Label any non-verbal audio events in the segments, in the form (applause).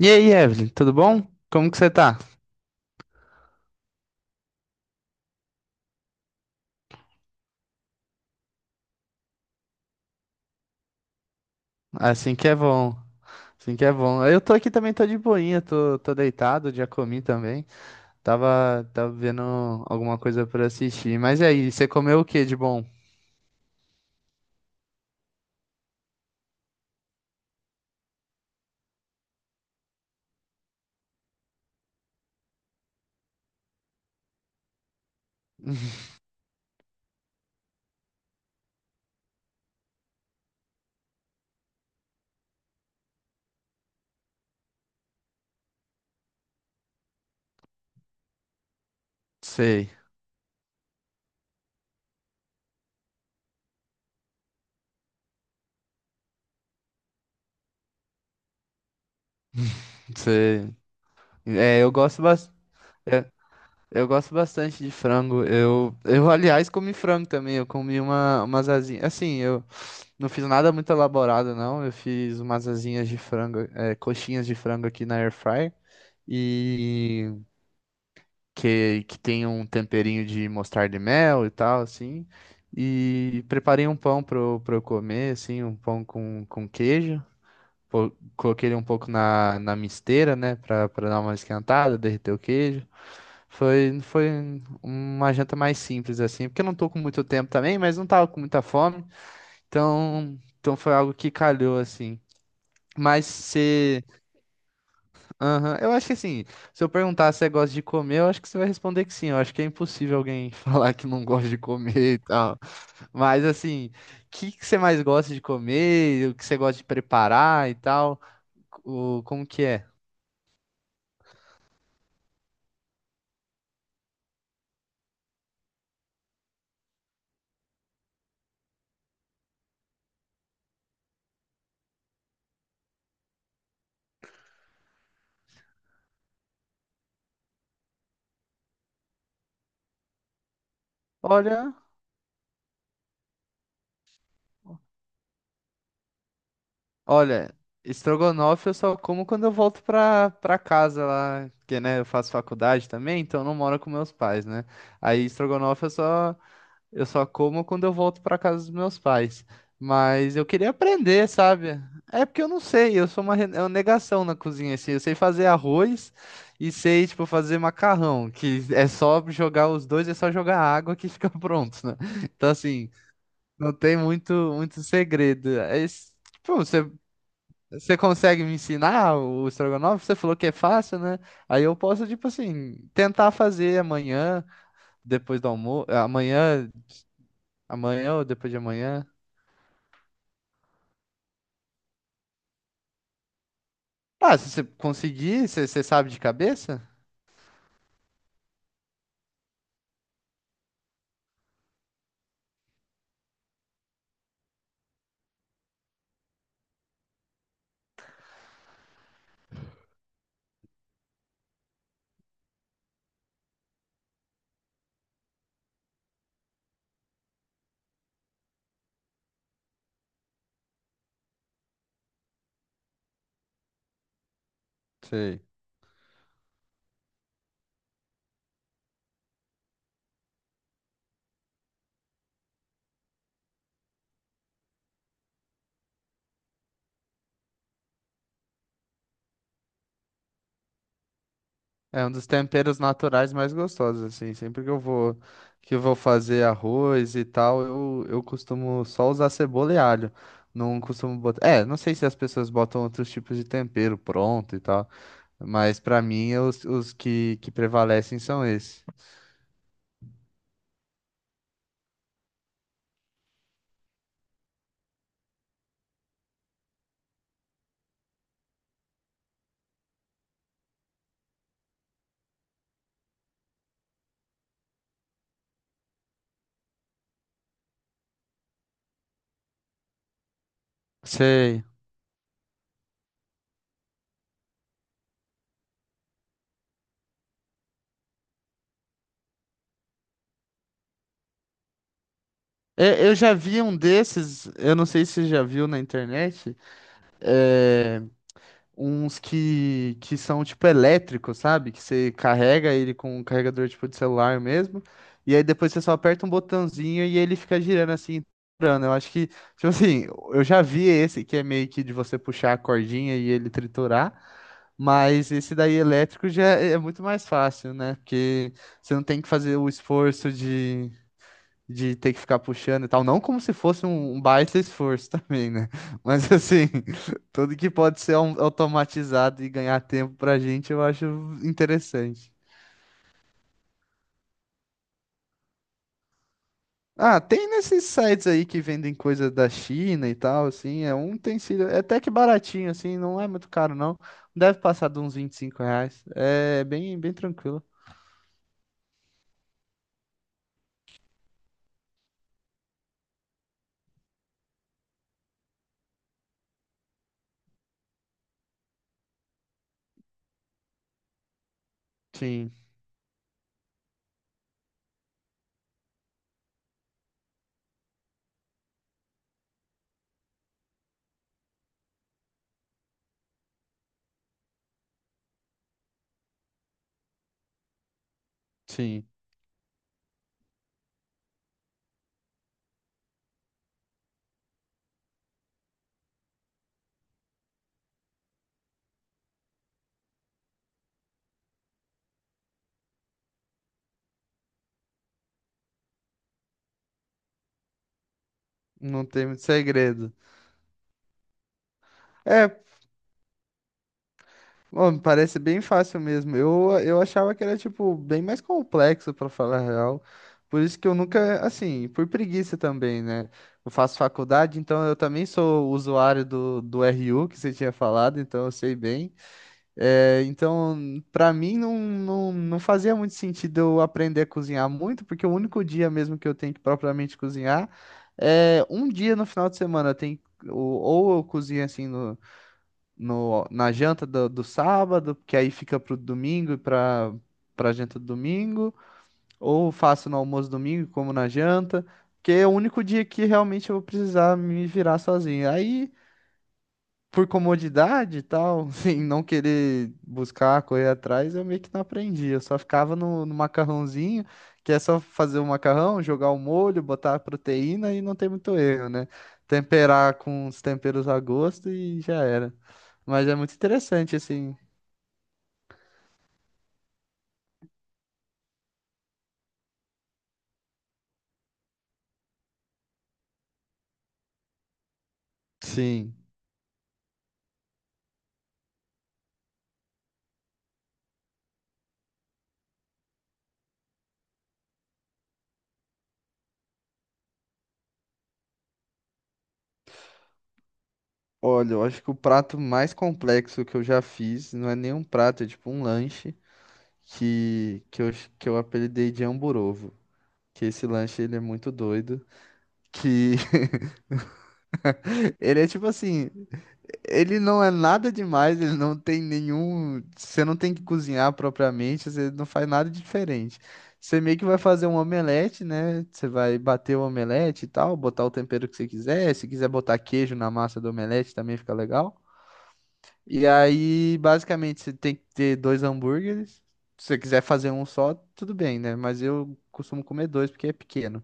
E aí, Evelyn, tudo bom? Como que você tá? Assim que é bom. Assim que é bom. Eu tô aqui também, tô de boinha, tô deitado, já comi também. Tava vendo alguma coisa pra assistir. Mas e aí, você comeu o que de bom? (laughs) Sei, sei. É, eu gosto bastante. Eu gosto bastante de frango. Eu, aliás, comi frango também. Eu comi umas asinhas. Assim, eu não fiz nada muito elaborado, não. Eu fiz umas asinhas de frango, é, coxinhas de frango aqui na air fryer. E que tem um temperinho de mostarda e mel e tal, assim. E preparei um pão para eu pra eu comer, assim, um pão com queijo. Pô, coloquei ele um pouco na misteira, né, para dar uma esquentada, derreter o queijo. Foi uma janta mais simples, assim, porque eu não tô com muito tempo também, mas não tava com muita fome. Então, foi algo que calhou, assim. Mas você. Aham. Eu acho que, assim, se eu perguntar se você gosta de comer, eu acho que você vai responder que sim. Eu acho que é impossível alguém (laughs) falar que não gosta de comer e tal. Mas assim, o que que você mais gosta de comer? O que você gosta de preparar e tal? O, como que é? Olha, olha, estrogonofe eu só como quando eu volto pra casa lá, porque, né, eu faço faculdade também, então eu não moro com meus pais, né? Aí estrogonofe eu só. Eu só como quando eu volto para casa dos meus pais. Mas eu queria aprender, sabe? É porque eu não sei, eu sou uma, re- é uma negação na cozinha, assim. Eu sei fazer arroz e sei, tipo, fazer macarrão, que é só jogar os dois, é só jogar água que fica (laughs) pronto, né? Então, assim, não tem muito, muito segredo. É isso. Pô, você, você consegue me ensinar o estrogonofe? Você falou que é fácil, né? Aí eu posso, tipo assim, tentar fazer amanhã, depois do almoço, amanhã. Amanhã ou depois de amanhã? Ah, se você conseguir, você você sabe de cabeça? Sei. É um dos temperos naturais mais gostosos, assim. Sempre que eu vou fazer arroz e tal, eu costumo só usar cebola e alho. Não costumo botar. É, não sei se as pessoas botam outros tipos de tempero pronto e tal, mas pra mim os que prevalecem são esses. Sei. Eu já vi um desses, eu não sei se você já viu na internet. É, uns que são tipo elétricos, sabe? Que você carrega ele com um carregador tipo de celular mesmo, e aí depois você só aperta um botãozinho e ele fica girando assim, triturando. Eu acho que, tipo assim, eu já vi esse que é meio que de você puxar a cordinha e ele triturar, mas esse daí elétrico já é muito mais fácil, né? Porque você não tem que fazer o esforço de ter que ficar puxando e tal. Não como se fosse um baita esforço (laughs) também, né? Mas assim, (laughs) tudo que pode ser automatizado e ganhar tempo pra gente, eu acho interessante. Ah, tem nesses sites aí que vendem coisa da China e tal, assim, é um utensílio, é até que baratinho, assim, não é muito caro, não. Deve passar de uns 25 reais. É bem, bem tranquilo. Sim, sim. Não tem muito segredo. É, bom, parece bem fácil mesmo. Eu achava que era, tipo, bem mais complexo, pra falar a real. Por isso que eu nunca, assim, por preguiça também, né? Eu faço faculdade, então eu também sou usuário do RU, que você tinha falado, então eu sei bem. É, então, pra mim, não, não, não fazia muito sentido eu aprender a cozinhar muito, porque o único dia mesmo que eu tenho que propriamente cozinhar é um dia no final de semana. Eu tenho, ou eu cozinho, assim, no no, na janta do sábado, que aí fica pro domingo e pra janta do domingo, ou faço no almoço domingo, e como na janta, que é o único dia que realmente eu vou precisar me virar sozinho. Aí por comodidade e tal, (laughs) em não querer buscar, correr atrás, eu meio que não aprendi. Eu só ficava no macarrãozinho, que é só fazer o macarrão, jogar o molho, botar a proteína e não tem muito erro, né? Temperar com os temperos a gosto e já era. Mas é muito interessante, assim. Sim. Olha, eu acho que o prato mais complexo que eu já fiz não é nem um prato, é tipo um lanche que, que, eu, que eu apelidei de Hamburovo. Que esse lanche ele é muito doido. Que ele é tipo assim, ele não é nada demais, ele não tem nenhum. Você não tem que cozinhar propriamente, você não faz nada diferente. Você meio que vai fazer um omelete, né? Você vai bater o omelete e tal, botar o tempero que você quiser. Se quiser botar queijo na massa do omelete também fica legal. E aí, basicamente, você tem que ter dois hambúrgueres. Se você quiser fazer um só, tudo bem, né? Mas eu costumo comer dois porque é pequeno.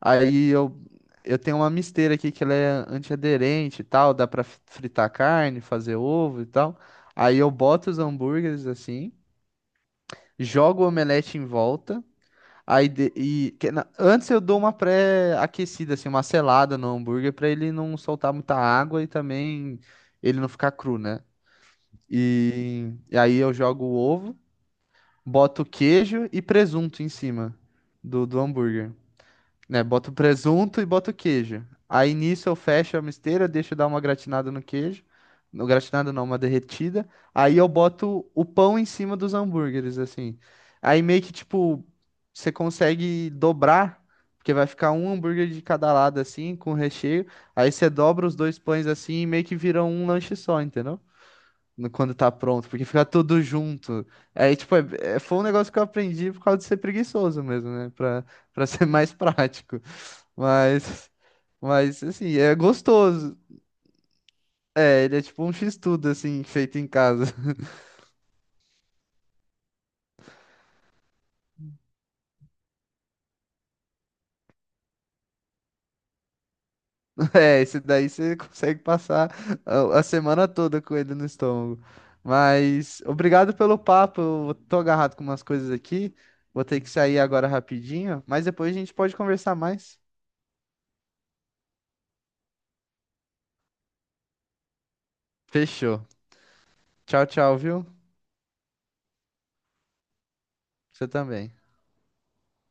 Aí eu tenho uma misteira aqui que ela é antiaderente e tal, dá pra fritar carne, fazer ovo e tal. Aí eu boto os hambúrgueres assim, jogo o omelete em volta. Aí antes eu dou uma pré-aquecida assim, uma selada no hambúrguer pra ele não soltar muita água e também ele não ficar cru, né? E aí eu jogo o ovo, boto queijo e presunto em cima do hambúrguer. Né? Boto o presunto e boto o queijo. Aí nisso eu fecho a misteira, deixo dar uma gratinada no queijo. No gratinada não, uma derretida. Aí eu boto o pão em cima dos hambúrgueres, assim. Aí meio que tipo, você consegue dobrar, porque vai ficar um hambúrguer de cada lado, assim, com recheio. Aí você dobra os dois pães assim e meio que vira um lanche só, entendeu? No- quando tá pronto, porque fica tudo junto. Aí, tipo, foi um negócio que eu aprendi por causa de ser preguiçoso mesmo, né? Pra ser mais (laughs) prático. Mas, mas, assim, é gostoso. É, ele é tipo um x-tudo, assim, feito em casa. (laughs) É, esse daí você consegue passar a semana toda com ele no estômago. Mas obrigado pelo papo. Eu tô agarrado com umas coisas aqui. Vou ter que sair agora rapidinho, mas depois a gente pode conversar mais. Fechou. Tchau, tchau, viu? Você também.